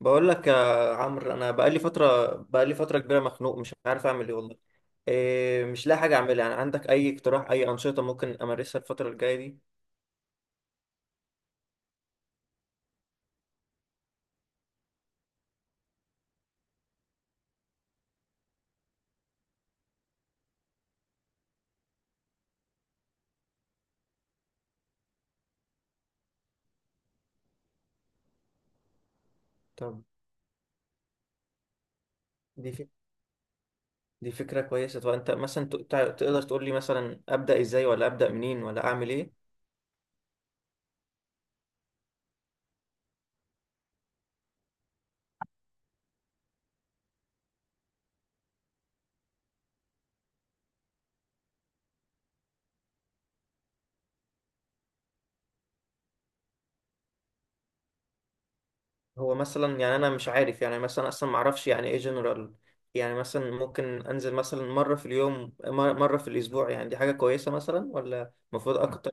بقول لك يا عمرو، انا بقالي فتره كبيره، مخنوق مش عارف اعمل ايه والله. إيه، مش لاقي حاجه اعملها. يعني عندك اي اقتراح؟ اي انشطه ممكن امارسها الفتره الجايه دي؟ طب دي فك... دي فكره كويسه. طب انت مثلا تقدر تقول لي مثلا ابدا ازاي ولا ابدا منين ولا اعمل ايه؟ هو مثلا، يعني انا مش عارف، يعني مثلا اصلا ما اعرفش يعني ايه جنرال. يعني مثلا ممكن انزل مثلا مره في اليوم، مره في الاسبوع؟ يعني دي حاجه كويسه مثلا ولا المفروض اكتر؟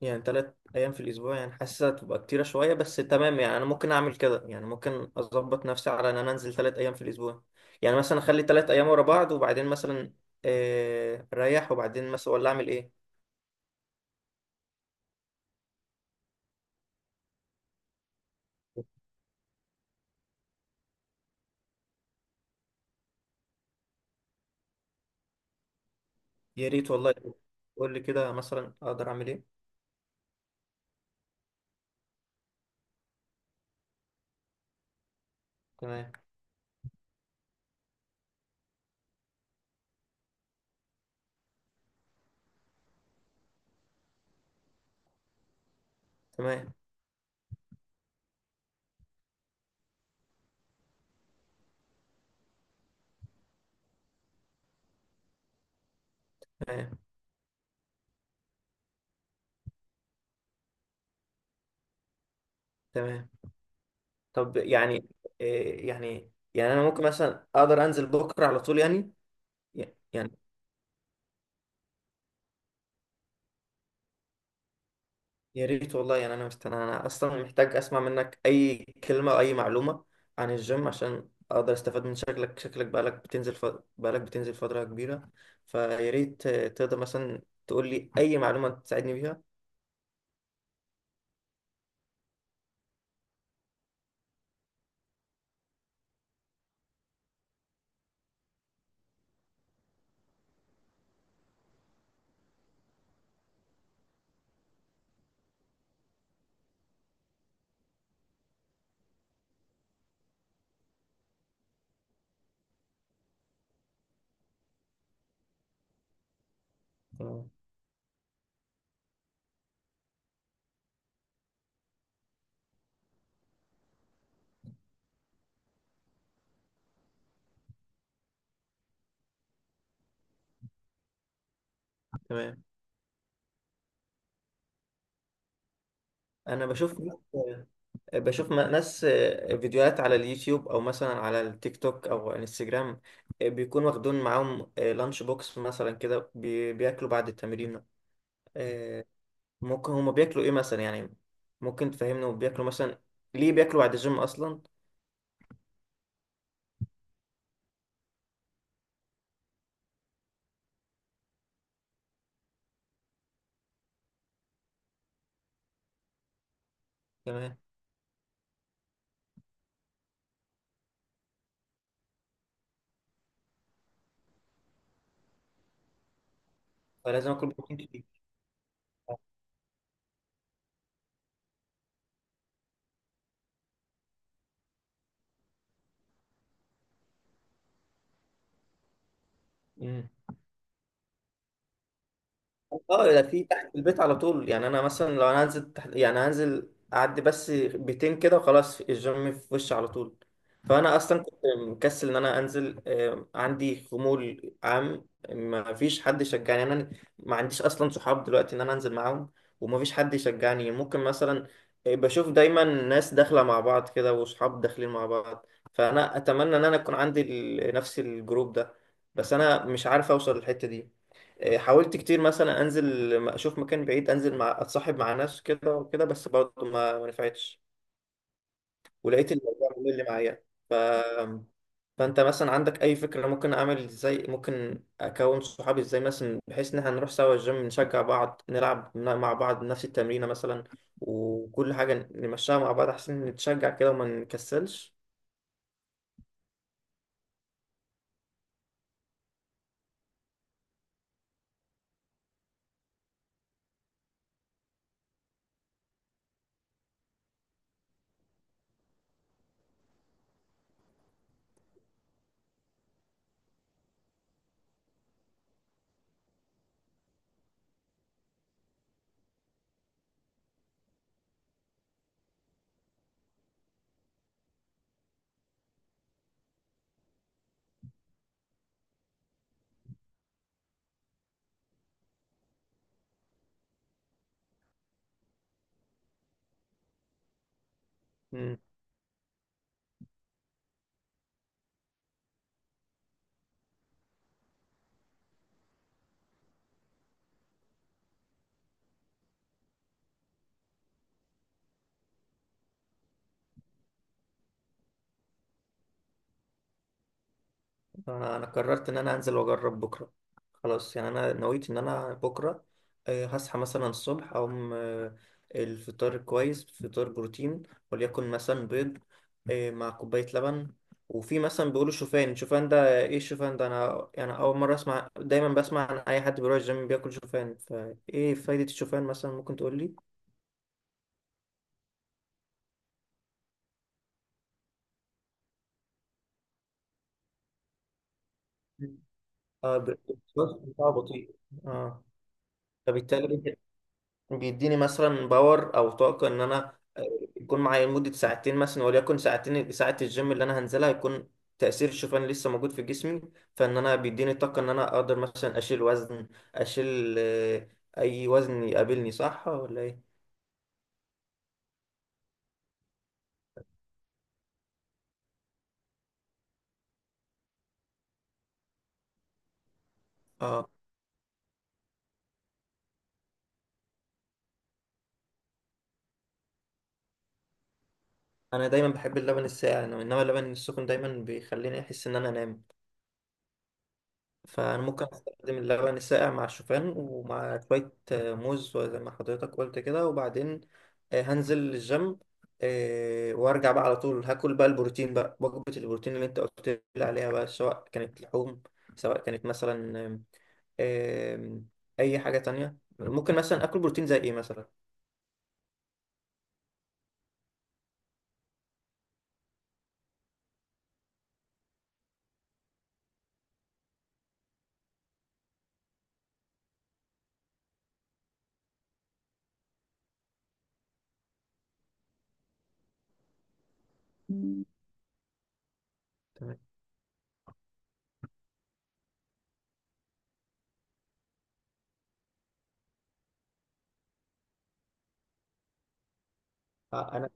يعني ثلاث ايام في الاسبوع يعني حاسسها تبقى كتيره شويه، بس تمام، يعني انا ممكن اعمل كده. يعني ممكن اظبط نفسي على ان انا انزل ثلاث ايام في الاسبوع. يعني مثلا اخلي ثلاث ايام ورا بعض، وبعدين مثلا اريح، وبعدين مثلا ولا اعمل ايه؟ يا ريت والله. قول لي كده مثلا اقدر اعمل ايه. تمام. تمام. تمام. تمام. طب يعني آه، يعني يعني انا ممكن مثلا اقدر انزل بكره على طول يعني؟ يعني يا ريت والله. يعني انا انا اصلا محتاج اسمع منك اي كلمه او اي معلومه عن الجيم عشان اقدر استفاد من شكلك. بقالك بتنزل بقالك بتنزل فتره كبيره، فيا ريت تقدر مثلا تقول لي اي معلومه تساعدني بيها. تمام. تمام. انا بشوف آه، بشوف ناس، فيديوهات على اليوتيوب او مثلا على التيك توك او انستجرام، بيكون واخدون معاهم لانش بوكس مثلا كده، بياكلوا بعد التمرين. آه، ممكن هما بياكلوا ايه مثلا يعني؟ ممكن تفهمنا بياكلوا مثلا ليه بياكلوا بعد الجيم اصلا؟ تمام. فلازم اكل بروتين كتير. اه، ده في تحت البيت على طول. يعني انا مثلا لو انا هنزل تحت، يعني هنزل اعدي بس بيتين كده وخلاص الجيم في وشي على طول. فانا اصلا كنت مكسل ان انا انزل. عندي خمول عام، ما فيش حد يشجعني. يعني انا ما عنديش اصلا صحاب دلوقتي ان انا انزل معاهم، وما فيش حد يشجعني. ممكن مثلا بشوف دايما ناس داخله مع بعض كده، وصحاب داخلين مع بعض، فانا اتمنى ان انا يكون عندي نفس الجروب ده، بس انا مش عارف اوصل للحته دي. إيه، حاولت كتير مثلا انزل اشوف مكان بعيد، انزل مع اتصاحب مع ناس كده وكده، بس برضه ما نفعتش، ولقيت الموضوع هو اللي معايا. ف فانت مثلا عندك اي فكره ممكن اعمل ازاي، ممكن اكون صحابي ازاي مثلا، بحيث ان احنا نروح سوا الجيم، نشجع بعض، نلعب مع بعض نفس التمرينه مثلا، وكل حاجه نمشيها مع بعض احسن، نتشجع كده وما نكسلش. مم. أنا قررت ان انا انزل واجرب بكره. خلاص، يعني انا نويت ان انا بكره هصحى مثلا الصبح، اقوم الفطار كويس، فطار بروتين، وليكن مثلا بيض، مع كوبايه لبن. وفي مثلا بيقولوا شوفان. شوفان ده ايه؟ الشوفان ده انا يعني اول مره اسمع. دايما بسمع عن اي حد بيروح الجيم بياكل شوفان، فايه فايده الشوفان مثلا ممكن تقول لي؟ اه، البروسيس بتاعه بطيء. اه، فبالتالي بيديني مثلا باور او طاقه ان انا يكون معايا لمده ساعتين مثلا، وليكن ساعتين ساعه الجيم اللي انا هنزلها، يكون تاثير الشوفان لسه موجود في جسمي، فان انا بيديني طاقه ان انا اقدر مثلا اشيل وزن، اشيل اي وزن يقابلني. صح ولا ايه؟ اه، انا دايما بحب اللبن الساقع، انما اللبن السخن دايما بيخليني احس ان انا انام. فأنا ممكن أستخدم اللبن الساقع مع الشوفان، ومع شوية موز زي ما حضرتك قلت كده، وبعدين هنزل الجيم وأرجع بقى على طول، هاكل بقى البروتين بقى، وجبة البروتين اللي أنت قلت لي عليها بقى، سواء كانت لحوم، سواء كانت مثلا آم، آم، أي حاجة تانية. ممكن مثلا آكل بروتين زي إيه مثلا؟ تمام.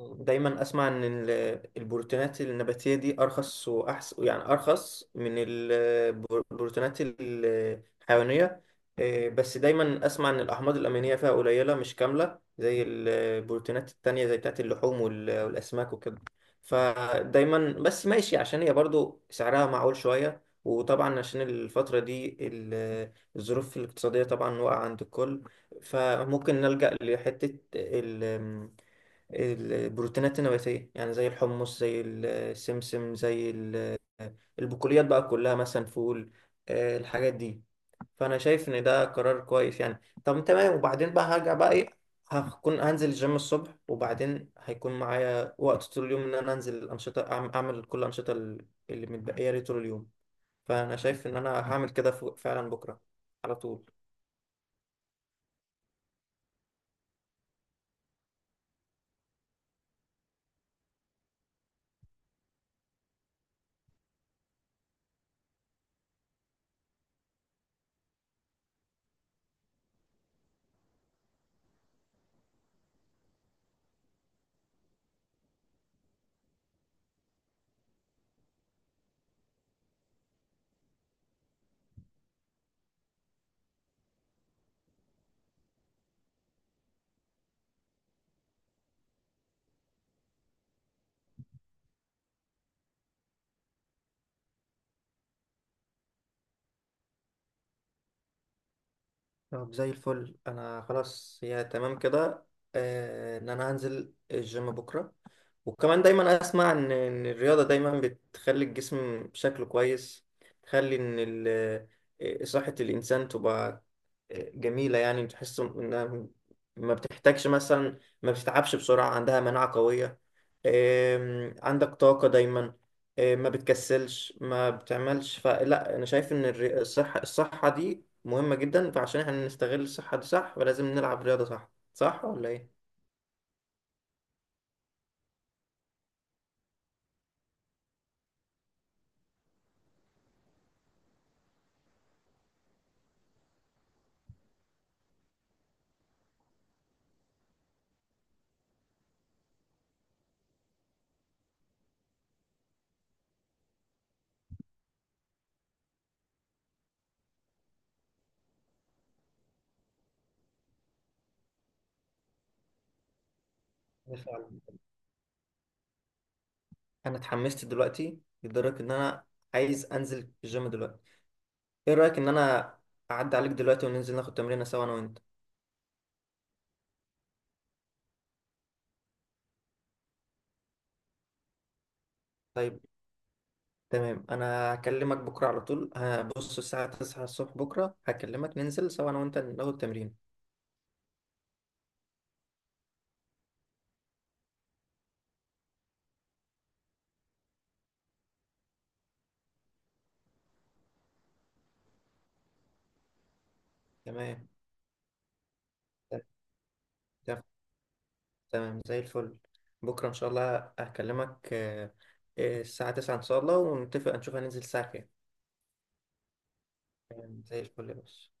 دايما اسمع ان البروتينات النباتيه دي ارخص واحسن، يعني ارخص من البروتينات الحيوانيه. إيه، بس دايما اسمع ان الاحماض الامينيه فيها قليله، مش كامله زي البروتينات التانية زي بتاعت اللحوم وال- والاسماك وكده. فدايما بس ماشي عشان هي برضو سعرها معقول شويه، وطبعا عشان الفتره دي الظروف الاقتصاديه طبعا واقعه عند الكل، فممكن نلجأ لحته ال البروتينات النباتية، يعني زي الحمص، زي السمسم، زي البقوليات بقى كلها، مثلا فول، الحاجات دي. فأنا شايف إن ده قرار كويس. يعني طب تمام، وبعدين بقى هرجع بقى إيه، هكون هنزل الجيم الصبح، وبعدين هيكون معايا وقت طول اليوم إن أنا أنزل الأنشطة، أعمل كل الأنشطة اللي متبقية لي طول اليوم. فأنا شايف إن أنا هعمل كده فعلا بكرة على طول. طب زي الفل. أنا خلاص، هي تمام كده، إن أنا هنزل الجيم بكرة. وكمان دايما اسمع ان الرياضه دايما بتخلي الجسم شكله كويس، تخلي ان آه، صحه الانسان تبقى جميله، يعني تحس انها ما بتحتاجش مثلا، ما بتتعبش بسرعه، عندها مناعه قويه، عندك طاقه دايما، ما بتكسلش ما بتعملش. فلا، انا شايف ان الصحه دي مهمه جدا، فعشان احنا نستغل الصحه دي صح، فلازم نلعب رياضه صح. صح ولا ايه؟ انا اتحمست دلوقتي لدرجه ان انا عايز انزل الجيم دلوقتي. ايه رايك ان انا اعدي عليك دلوقتي وننزل ناخد تمرينه سوا انا وانت؟ طيب. تمام. انا هكلمك بكره على طول، هبص الساعه 9 الصبح، بكره هكلمك ننزل سوا انا وانت ناخد تمرين. تمام. تمام. تمام، زي الفل. بكره ان شاء الله هكلمك الساعه 9 ان شاء الله، ونتفق نشوف هننزل الساعه كام. زي الفل يا باشا.